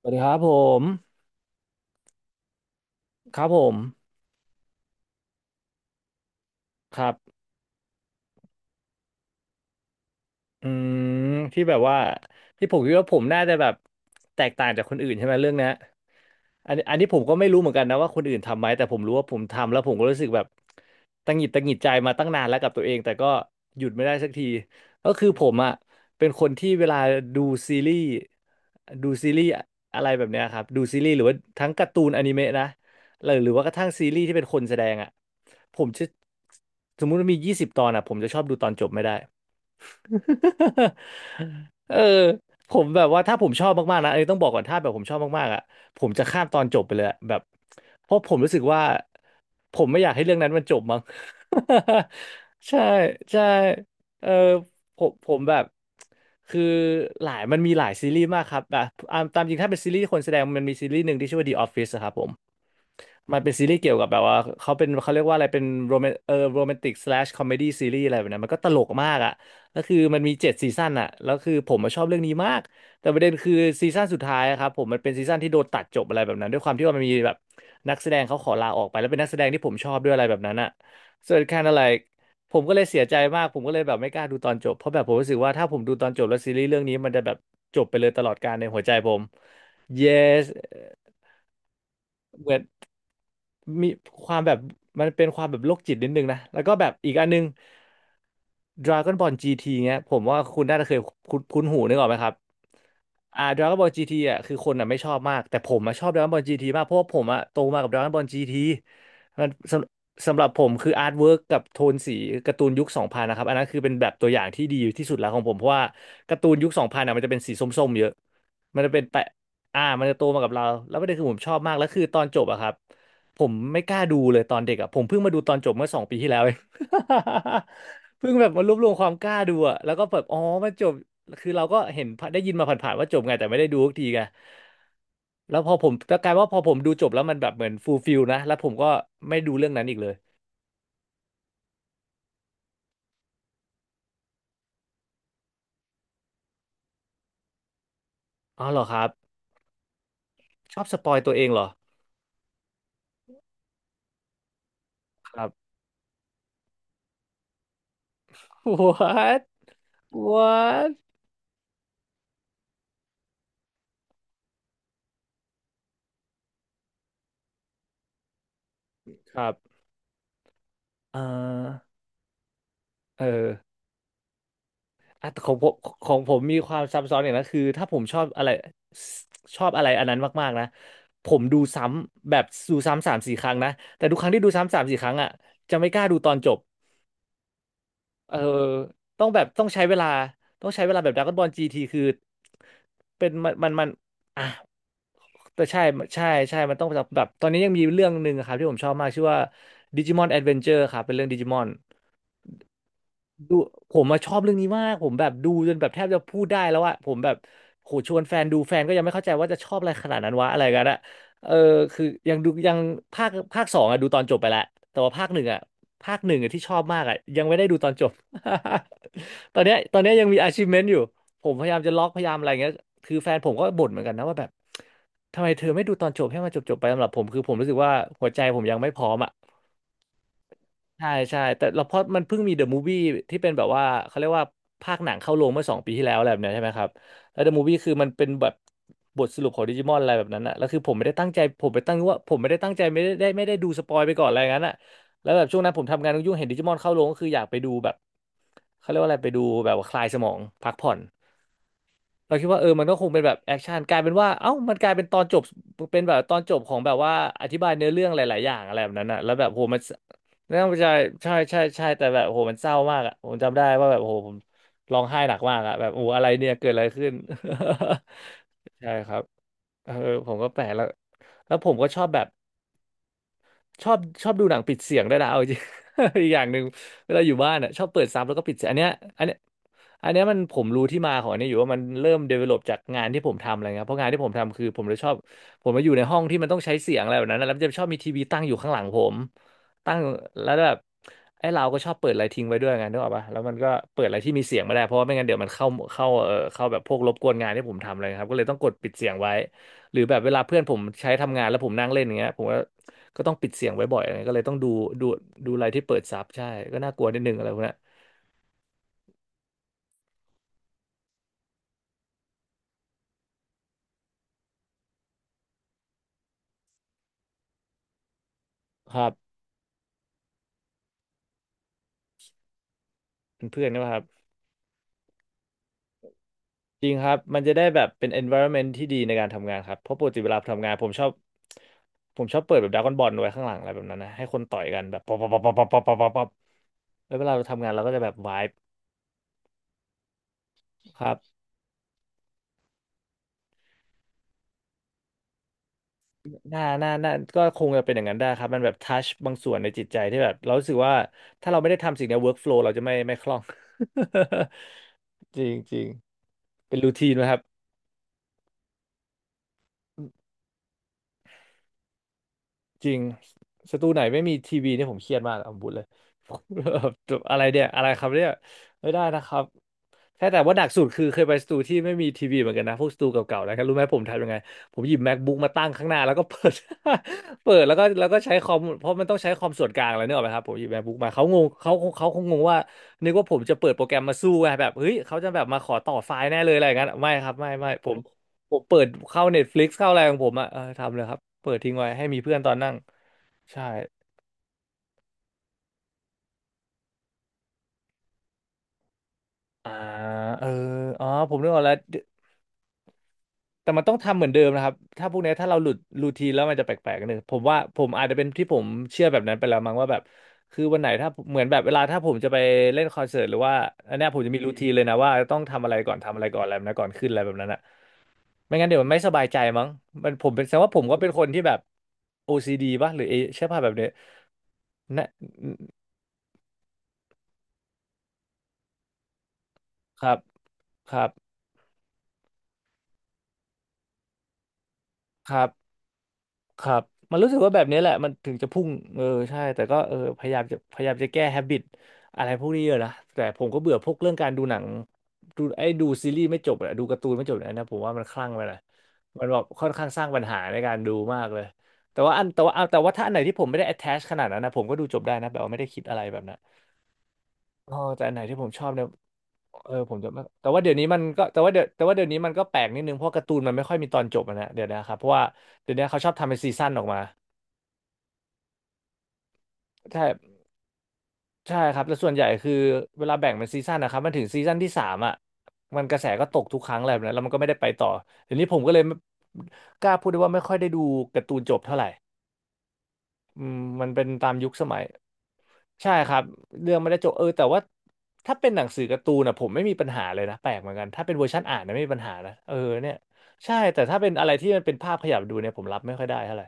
สวัสดีครับผมครับผมครับอืมที่แบบว่าที่ผมคิดว่าผมน่าจะแบบแตกต่างจากคนอื่นใช่ไหมเรื่องเนี้ย อันนี้ผมก็ไม่รู้เหมือนกันนะว่าคนอื่นทำไหมแต่ผมรู้ว่าผมทำแล้วผมก็รู้สึกแบบตังหงิดตังหงิดใจมาตั้งนานแล้วกับตัวเองแต่ก็หยุดไม่ได้สักทีก็คือผมอ่ะเป็นคนที่เวลาดูซีรีส์ดูซีรีส์อะไรแบบเนี้ยครับดูซีรีส์หรือว่าทั้งการ์ตูนอนิเมะนะหรือว่ากระทั่งซีรีส์ที่เป็นคนแสดงอ่ะผมจะสมมุติว่ามียี่สิบตอนอ่ะผมจะชอบดูตอนจบไม่ได้ เออผมแบบว่าถ้าผมชอบมากๆนะเอ้ยต้องบอกก่อนถ้าแบบผมชอบมากๆอ่ะผมจะข้ามตอนจบไปเลยอะแบบเพราะผมรู้สึกว่าผมไม่อยากให้เรื่องนั้นมันจบมั้ง ใช่ใช่เออผมแบบคือหลายมันมีหลายซีรีส์มากครับแบบอ่ะตามจริงถ้าเป็นซีรีส์คนแสดงมันมีซีรีส์หนึ่งที่ชื่อว่า The Office อะครับผม มันเป็นซีรีส์เกี่ยวกับแบบว่าเขาเป็นเขาเรียกว่าอะไรเป็นโรแมนติกสแลชคอมเมดี้ซีรีส์อะไรแบบนั้นมันก็ตลกมากอ่ะแล้วคือมันมีเจ็ดซีซั่นอ่ะแล้วคือผมมาชอบเรื่องนี้มากแต่ประเด็นคือซีซั่นสุดท้ายอะครับผมมันเป็นซีซั่นที่โดนตัดจบอะไรแบบนั้นด้วยความที่ว่ามันมีแบบนักแสดงเขาขอลาออกไปแล้วเป็นนักแสดงที่ผมชอบด้วยอะไรแบบนั้นอ่ะ so it kind of like ผมก็เลยเสียใจมากผมก็เลยแบบไม่กล้าดูตอนจบเพราะแบบผมรู้สึกว่าถ้าผมดูตอนจบแล้วซีรีส์เรื่องนี้มันจะแบบจบไปเลยตลอดกาลในหัวใจผม yes เหมือน มีความแบบมันเป็นความแบบโรคจิตนิดนึงนะแล้วก็แบบอีกอันนึง Dragon Ball GT เงี้ยผมว่าคุณน่าจะเคยคุ้นคุ้นหูนึกออกไหมครับDragon Ball GT อ่ะคือคนอ่ะไม่ชอบมากแต่ผมอ่ะชอบ Dragon Ball GT มากเพราะว่าผมอ่ะโตมากับ Dragon Ball GT มันสำหรับผมคืออาร์ตเวิร์กกับโทนสีการ์ตูนยุค2000นนะครับอันนั้นคือเป็นแบบตัวอย่างที่ดีที่สุดแล้วของผมเพราะว่าการ์ตูนยุค2000องพันอ่ะมันจะเป็นสีส้มๆเยอะมันจะเป็นแปะอ่ามันจะโตมากับเราแล้วประเด็นคือผมชอบมากแล้วคือตอนจบอะครับ ผมไม่กล้าดูเลยตอนเด็กอ่ะผมเพิ่งมาดูตอนจบเมื่อสองปีที่แล้วเอง เพิ่งแบบมารวบรวมความกล้าดูอ่ะแล้วก็แบบอ๋อมันจบคือเราก็เห็นได้ยินมาผ่านๆว่าจบไงแต่ไม่ได้ดูสักทีไงแล้วพอผมก็กลายว่าพอผมดูจบแล้วมันแบบเหมือนฟูลฟิลนะแล้วผมก็ไม่ดูเรื่องนั้นอีกเลยอ๋อเหรอครับชอบสปอยตัวเองเหรอครับ what what ครับเออเออ อ่ะแต่ของผมมีความซับซ้อนอย่างนั้นคือถ้าผมชอบอะไรอันนั้นมากๆนะผมดูซ้ำแบบดูซ้ำสามสี่ครั้งนะแต่ทุกครั้งที่ดูซ้ำสามสี่ครั้งอ่ะจะไม่กล้าดูตอนจบเออต้องแบบต้องใช้เวลาต้องใช้เวลาแบบดราก้อนบอลจีทีคือเป็นมันอ่ะแต่ใช่ใช่ใช่มันต้องแบบตอนนี้ยังมีเรื่องหนึ่งครับที่ผมชอบมากชื่อว่าดิจิมอนแอดเวนเจอร์ครับเป็นเรื่องดิจิมอน ดูผมมาชอบเรื่องนี้มากผมแบบดูจนแบบแทบจะพูดได้แล้วอะผมแบบโหชวนแฟนดูแฟนก็ยังไม่เข้าใจว่าจะชอบอะไรขนาดนั้นวะอะไรกันอะเออคือยังดูยังภาคสองอะดูตอนจบไปแล้วแต่ว่าภาคหนึ่งอะที่ชอบมากอะยังไม่ได้ดูตอนจบ ตอนเนี้ยยังมี achievement อยู่ผมพยายามจะล็อกพยายามอะไรเงี้ยคือแฟนผมก็บ่นเหมือนกันนะว่าแบบทำไมเธอไม่ดูตอนจบให้มันจบๆไปสำหรับผมคือผมรู้สึกว่าหัวใจผมยังไม่พร้อมอะ ใช่ใช่แต่เราเพราะมันเพิ่งมีเดอะมูฟวี่ที่เป็นแบบว่าเขาเรียกว่าภาคหนังเข้าโรงเมื่อสองปีที่แล้วอะไรแบบเนี้ยใช่ไหมครับแล้วเดอะมูฟวี่คือมันเป็นแบบบทสรุปของดิจิมอนอะไรแบบนั้นอะแล้วคือผมไม่ได้ตั้งใจผมไปตั้งว่าผมไม่ได้ตั้งใจไม่ได้ดูสปอยไปก่อนอะไรอย่างนั้นอะแล้วแบบช่วงนั้นผมทำงานยุ่งๆเห็นดิจิมอนเข้าโรงก็คืออยากไปดูแบบเขาเรียกว่าอะไรไปดูแบบว่าคลายสมองพักผ่อน เราคิดว่าเออมันก็คงเป็นแบบแอคชั่นกลายเป็นว่าเอ้ามันกลายเป็นตอนจบเป็นแบบตอนจบของแบบว่าอธิบายเนื้อเรื่องหลายๆอย่างอะไรแบบนั้นอะแล้วแบบโหมันนั่นใช่ใช่ใช่ใช่แต่แบบโหมันเศร้ามากอะผมจำได้ว่าแบบโหผมร้องไห้หนักมากอะแบบโอ้อะไรเนี่ยเกิดอะไรขึ้น ใช่ครับเออผมก็แปลกแล้วแล้วผมก็ชอบแบบ ชอบดูหนังปิดเสียงได้วยนะเอาจริง อีกอย่างหนึ่งเวลาอยู่บ้านอ่ะชอบเปิดซับแล้วก็ปิดเสียงอันเนี้ยอันเนี้ยอันเนี้ยมันผมรู้ที่มาของอันนี้อยู่ว่ามันเริ่ม develop จากงานที่ผมทำอะไรเงี้ยเพราะงานที่ผมทำคือผมเลยชอบผมมาอยู่ในห้องที่มันต้องใช้เสียงอะไรแบบนั้นนะแล้วมันจะชอบมีทีวีตั้งอยู่ข้างหลังผมตั้งแล้วแบบไอ้เราก็ชอบเปิดอะไรทิ้งไว้ด้วยไงนึกออกปะแล้วมันก็เปิดอะไรที่มีเสียงไม่ได้เพราะว่าไม่งั้นเดี๋ยวมันเข้าเข้าแบบพวกรบกวนงานที่ผมทำอะไรครับก็เลยต้องกดปิดเสียงไว้หรือแบบเวลาเพื่อนผมใช้ทำงานแล้วผมนั่งเล่นอย่างเงี้ยผมก็ ก็ต้องปิดเสียงไว้บ่อยอะไรเงี้ยก็เลยต้องดูดูอะไรที่เปิดซับใช่ก็น่ากลัวนิดนึงอะไรพวกเนี้ยครับเป็นเพื่อนนะครับจริงครับมันจะได้แบบเป็น environment ที่ดีในการทำงานครับเพราะปกติเวลาทำงานผมชอบเปิดแบบดราก้อนบอลไว้ข้างหลังอะไรแบบนั้นนะให้คนต่อยกันแบบป๊อปป๊อปป๊อปป๊อปป๊อปป๊อปป๊อปป๊อปแล้วเวลาเราทำงานเราก็จะแบบไวายครับหน่าหน้าหน้าก็คงจะเป็นอย่างนั้นได้ครับมันแบบทัชบางส่วนในจิตใจที่แบบเรารู้สึกว่าถ้าเราไม่ได้ทำสิ่งเนี้ย workflow เราจะไม่คล่อง จริงจริงเป็นรูทีนไหมครับ จริงสตูไหนไม่มีทีวีเนี่ยผมเครียดมากเอาบุญเลย แบอะไรเนี่ยอะไรครับเนี่ยไม่ได้นะครับแค่แต่ว่าหนักสุดคือเคยไปสตูที่ไม่มีทีวีเหมือนกันนะพวกสตูเก่าๆนะครับรู้ไหมผมทำยังไงผมหยิบ MacBook มาตั้งข้างหน้าแล้วก็เปิด เปิดแล้วก็ใช้คอมเพราะมันต้องใช้คอมส่วนกลางอะไรเนี่ยหรอกไหมครับผมหยิบ MacBook มาเขางงเขาคงงงว่านึกว่าผมจะเปิดโปรแกรมมาสู้ไงแบบเฮ้ยเขาจะแบบมาขอต่อไฟล์แน่เลยอะไรอย่างนั้นไม่ครับไม่ผมเปิดเข้า Netflix เข้าอะไรของผมอ่ะเออทำเลยครับเปิดทิ้งไว้ให้มีเพื่อนตอนนั่ง ใช่อ่าเอออ๋อผมนึกออกแล้วแต่มันต้องทำเหมือนเดิมนะครับถ้าพวกเนี้ยถ้าเราหลุดรูทีนแล้วมันจะแปลกๆนึงผมว่าผมอาจจะเป็นที่ผมเชื่อแบบนั้นไปแล้วมั้งว่าแบบคือวันไหนถ้าเหมือนแบบเวลาถ้าผมจะไปเล่นคอนเสิร์ตหรือว่าอันเนี้ยผมจะมีรูทีนเลยนะว่าต้องทำอะไรก่อนทำอะไรก่อนอะไรแบบนะก่อนขึ้นอะไรแบบนั้นอะไม่งั้นเดี๋ยวมันไม่สบายใจมั้งมันผมเป็นแสดงว่าผมก็เป็นคนที่แบบ OCD ป่ะหรือเอใช่ป่ะแบบเนี้ยนะครับครับครับ ครับมันรู้สึกว่าแบบนี้แหละมันถึงจะพุ่งเออใช่แต่ก็เออพยายามจะแก้แฮบิตอะไรพวกนี้เยอะนะแต่ผมก็เบื่อพวกเรื่องการดูหนังดูไอ้ดูซีรีส์ไม่จบอะดูการ์ตูนไม่จบเนนะผมว่ามันคลั่งไปหน่อยมันแบบค่อนข้างสร้างปัญหาในการดูมากเลยแต่ว่าอันแต่ว่าถ้าอันไหนที่ผมไม่ได้ attach ขนาดนั้นนะผมก็ดูจบได้นะแบบว่าไม่ได้คิดอะไรแบบนั้นอ๋อแต่อันไหนที่ผมชอบเนี่ยเออผมจะไม่แต่ว่าเดี๋ยวนี้มันก็แต่ว่าเดี๋ยวแต่ว่าเดี๋ยวนี้มันก็แปลกนิดนึงเพราะการ์ตูนมันไม่ค่อยมีตอนจบอะนะเดี๋ยวนะครับเพราะว่าเดี๋ยวนี้เขาชอบทำเป็นซีซั่นออกมาใช่ ใช่ครับแต่ส่วนใหญ่คือเวลาแบ่งเป็นซีซั่นนะครับมันถึงซีซั่นที่สามอ่ะมันกระแสก็ตกทุกครั้งอะไนะแล้วมันก็ไม่ได้ไปต่อเดี๋ยวนี้ผมก็เลยไม่กล้าพูดได้ว่าไม่ค่อยได้ดูการ์ตูนจบเท่าไหร่อืมมันเป็นตามยุคสมัยใช่ครับเรื่องไม่ได้จบเออแต่ว่าถ้าเป็นหนังสือการ์ตูนอ่ะผมไม่มีปัญหาเลยนะแปลกเหมือนกันถ้าเป็นเวอร์ชันอ่านนะไม่มีปัญหานะเออเนี่ยใช่แต่ถ้าเป็นอะไรที่มันเป็นภาพขยับดูเนี่ยผมรับไม่ค่อยได้เท่าไหร่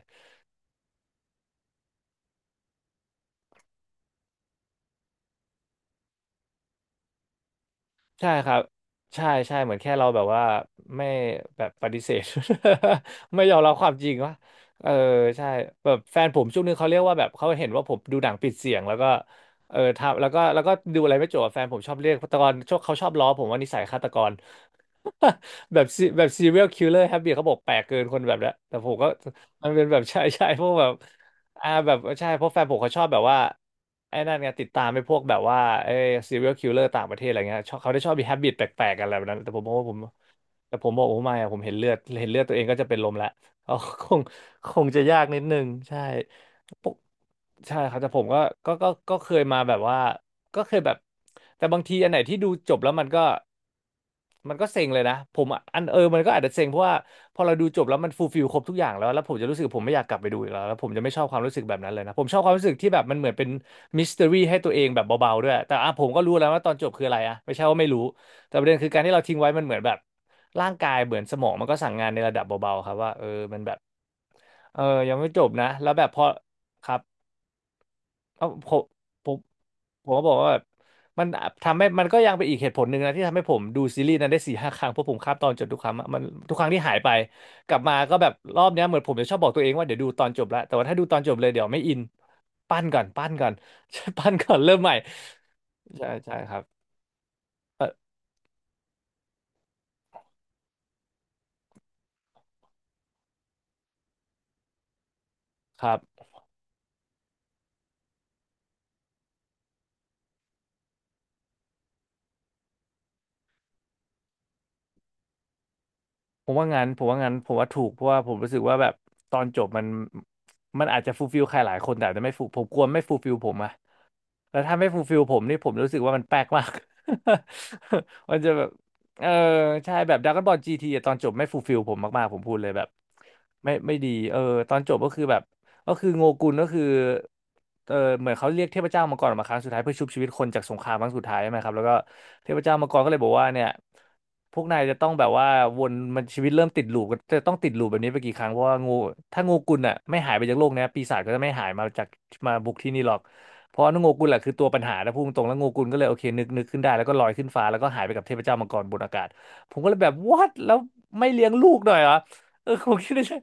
ใช่ครับใช่ใช่ เหมือนแค่เราแบบว่าไม่แบบปฏิเสธ ไม่ยอมรับความจริงว่า เออใช่แบบแฟนผมช่วงนึงเขาเรียกว่าแบบเขาเห็นว่าผมดูหนังปิดเสียงแล้วก็เออทำแล้วก็ ดูอะไรไม่จบอะแฟนผมชอบเรียกฆาตกรชอบเขาชอบล้อผมว่านิสัยฆาตกร แบบซีแบบ serial killer habit เขาบอกแปลกเกินคนแบบเนี้ยแต่ผมก็มันเป็นแบบ ใช่ใช่พวกแบบ อ่าแบบใช่เพราะแฟนผมเขาชอบแบบว่าไอ้นั่นไงติดตามไปพวกแบบว่าไอ้ serial killer ต่างประเทศอะไรเงี้ยชอบเขาได้ชอบมี habit แปลกๆกันอะไรแบบนั้นแต่ผมมองว่าผม แต่ผมบอกผมไม่อะผมเห็นเลือดเห็นเลือดตัวเองก็จะเป็นลมละ เขา คงคงจะยากนิดนึงใช่ปกใช่ครับแต่ผมก็ก็เคยมาแบบว่าก็เคยแบบแต่บางทีอันไหนที่ดูจบแล้วมันก็มันก็เซ็งเลยนะผมอะอันเออมันก็อาจจะเซ็งเพราะว่าพอเราดูจบแล้วมันฟูลฟิลครบทุกอย่างแล้วแล้วผมจะรู้สึกผมไม่อยากกลับไปดูอีกแล้วแล้วผมจะไม่ชอบความรู้สึกแบบนั้นเลยนะผมชอบความรู้สึกที่แบบมันเหมือนเป็นมิส t ต r y ให้ตัวเองแบบเบาๆด้วยแต่อ่ะผมก็รู้แล้วว่าตอนจบคืออะไรอะไม่ใช่ว่าไม่รู้แต่ประเด็นคือการที่เราทิ้งไว้มันเหมือนแบบ ร่างกายเหมือนสมองมันก็สั่งงานในระดับเบาๆครับว่าเออมันแบบเออยังไม่จบนะแล้วแบบพอครับเอ้าผมผมผมก็บอกว่าแบบมันทำให้มันก็ยังเป็นอีกเหตุผลหนึ่งนะที่ทำให้ผมดูซีรีส์นั้นได้สี่ห้าครั้งเพราะผมข้ามตอนจบทุกครั้งอะมันทุกครั้งที่หายไปกลับมาก็แบบรอบเนี้ยเหมือนผมจะชอบบอกตัวเองว่าเดี๋ยวดูตอนจบแล้วแต่ว่าถ้าดูตอนจบเลยเดี๋ยวไม่อินปั้นก่อนปั้นก่อน ปั้นก่อนเริ่มใหม่ใช่ใช่ครับเออครับ ผมว่างั้นผมว่างั้นผมว่าถูกเพราะว่าผมรู้สึกว่าแบบตอนจบมันมันอาจจะฟูลฟิลใครหลายคนแต่อาจจะไม่ฟูผมกลัวไม่ฟูลฟิลผมอะ แล้วถ้าไม่ฟูลฟิลผมนี่ผมรู้สึกว่ามันแปลกมาก มันจะแบบเออใช่แบบด r a ก o n b บอลจีทีตอนจบไม่ฟูลฟิลผมมากๆผมพูดเลยแบบไม่ไม่ดีเออตอนจบก็คือแบบก็คือโงกุลก็คือเออเหมือนเขาเรียกเทพเจ้ามังกรออกมาครั้งสุดท้ายเพื่อชุบชีวิตคนจากสงครามครั้งสุดท้ายใช่ไหมครับแล้วก็เทพเจ้ามังกรก็เลยบอกว่าเนี่ยพวกนายจะต้องแบบว่าวนมันชีวิตเริ่มติดลูปก็จะต้องติดลูปแบบนี้ไปกี่ครั้งเพราะว่างูถ้างูกุลอ่ะไม่หายไปจากโลกเนี้ยปีศาจก็จะไม่หายมาจากมาบุกที่นี่หรอก เพราะว่าโงกุลแหละคือตัวปัญหานะพูดตรงๆแล้วโงกุลก็เลยโอเคนึกขึ้นได้แล้วก็ลอยขึ้นฟ้าแล้วก็หายไปกับเทพเจ้ามังกรบนอากาศผมก็เลยแบบ what แล้วไม่เลี้ยงลูกหน่อยเหรอเออผมคิดในใจ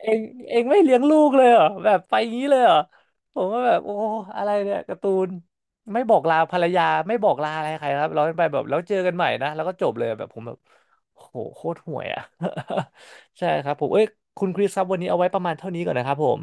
เองเองไม่เลี้ยงลูกเลยเหรอแบบไปอย่างนี้เลยเหรอผมก็แบบโอ้อะไรเนี่ยการ์ตูนไม่บอกลาภรรยาไม่บอกลาอะไรใครครับเราไปแบบแล้วเจอกันใหม่นะแล้วก็จบเลยแบบผมแบบโหโคตรห่วยอ่ะ ใช่ครับผมเอ้ยคุณคริสครับวันนี้เอาไว้ประมาณเท่านี้ก่อนนะครับผม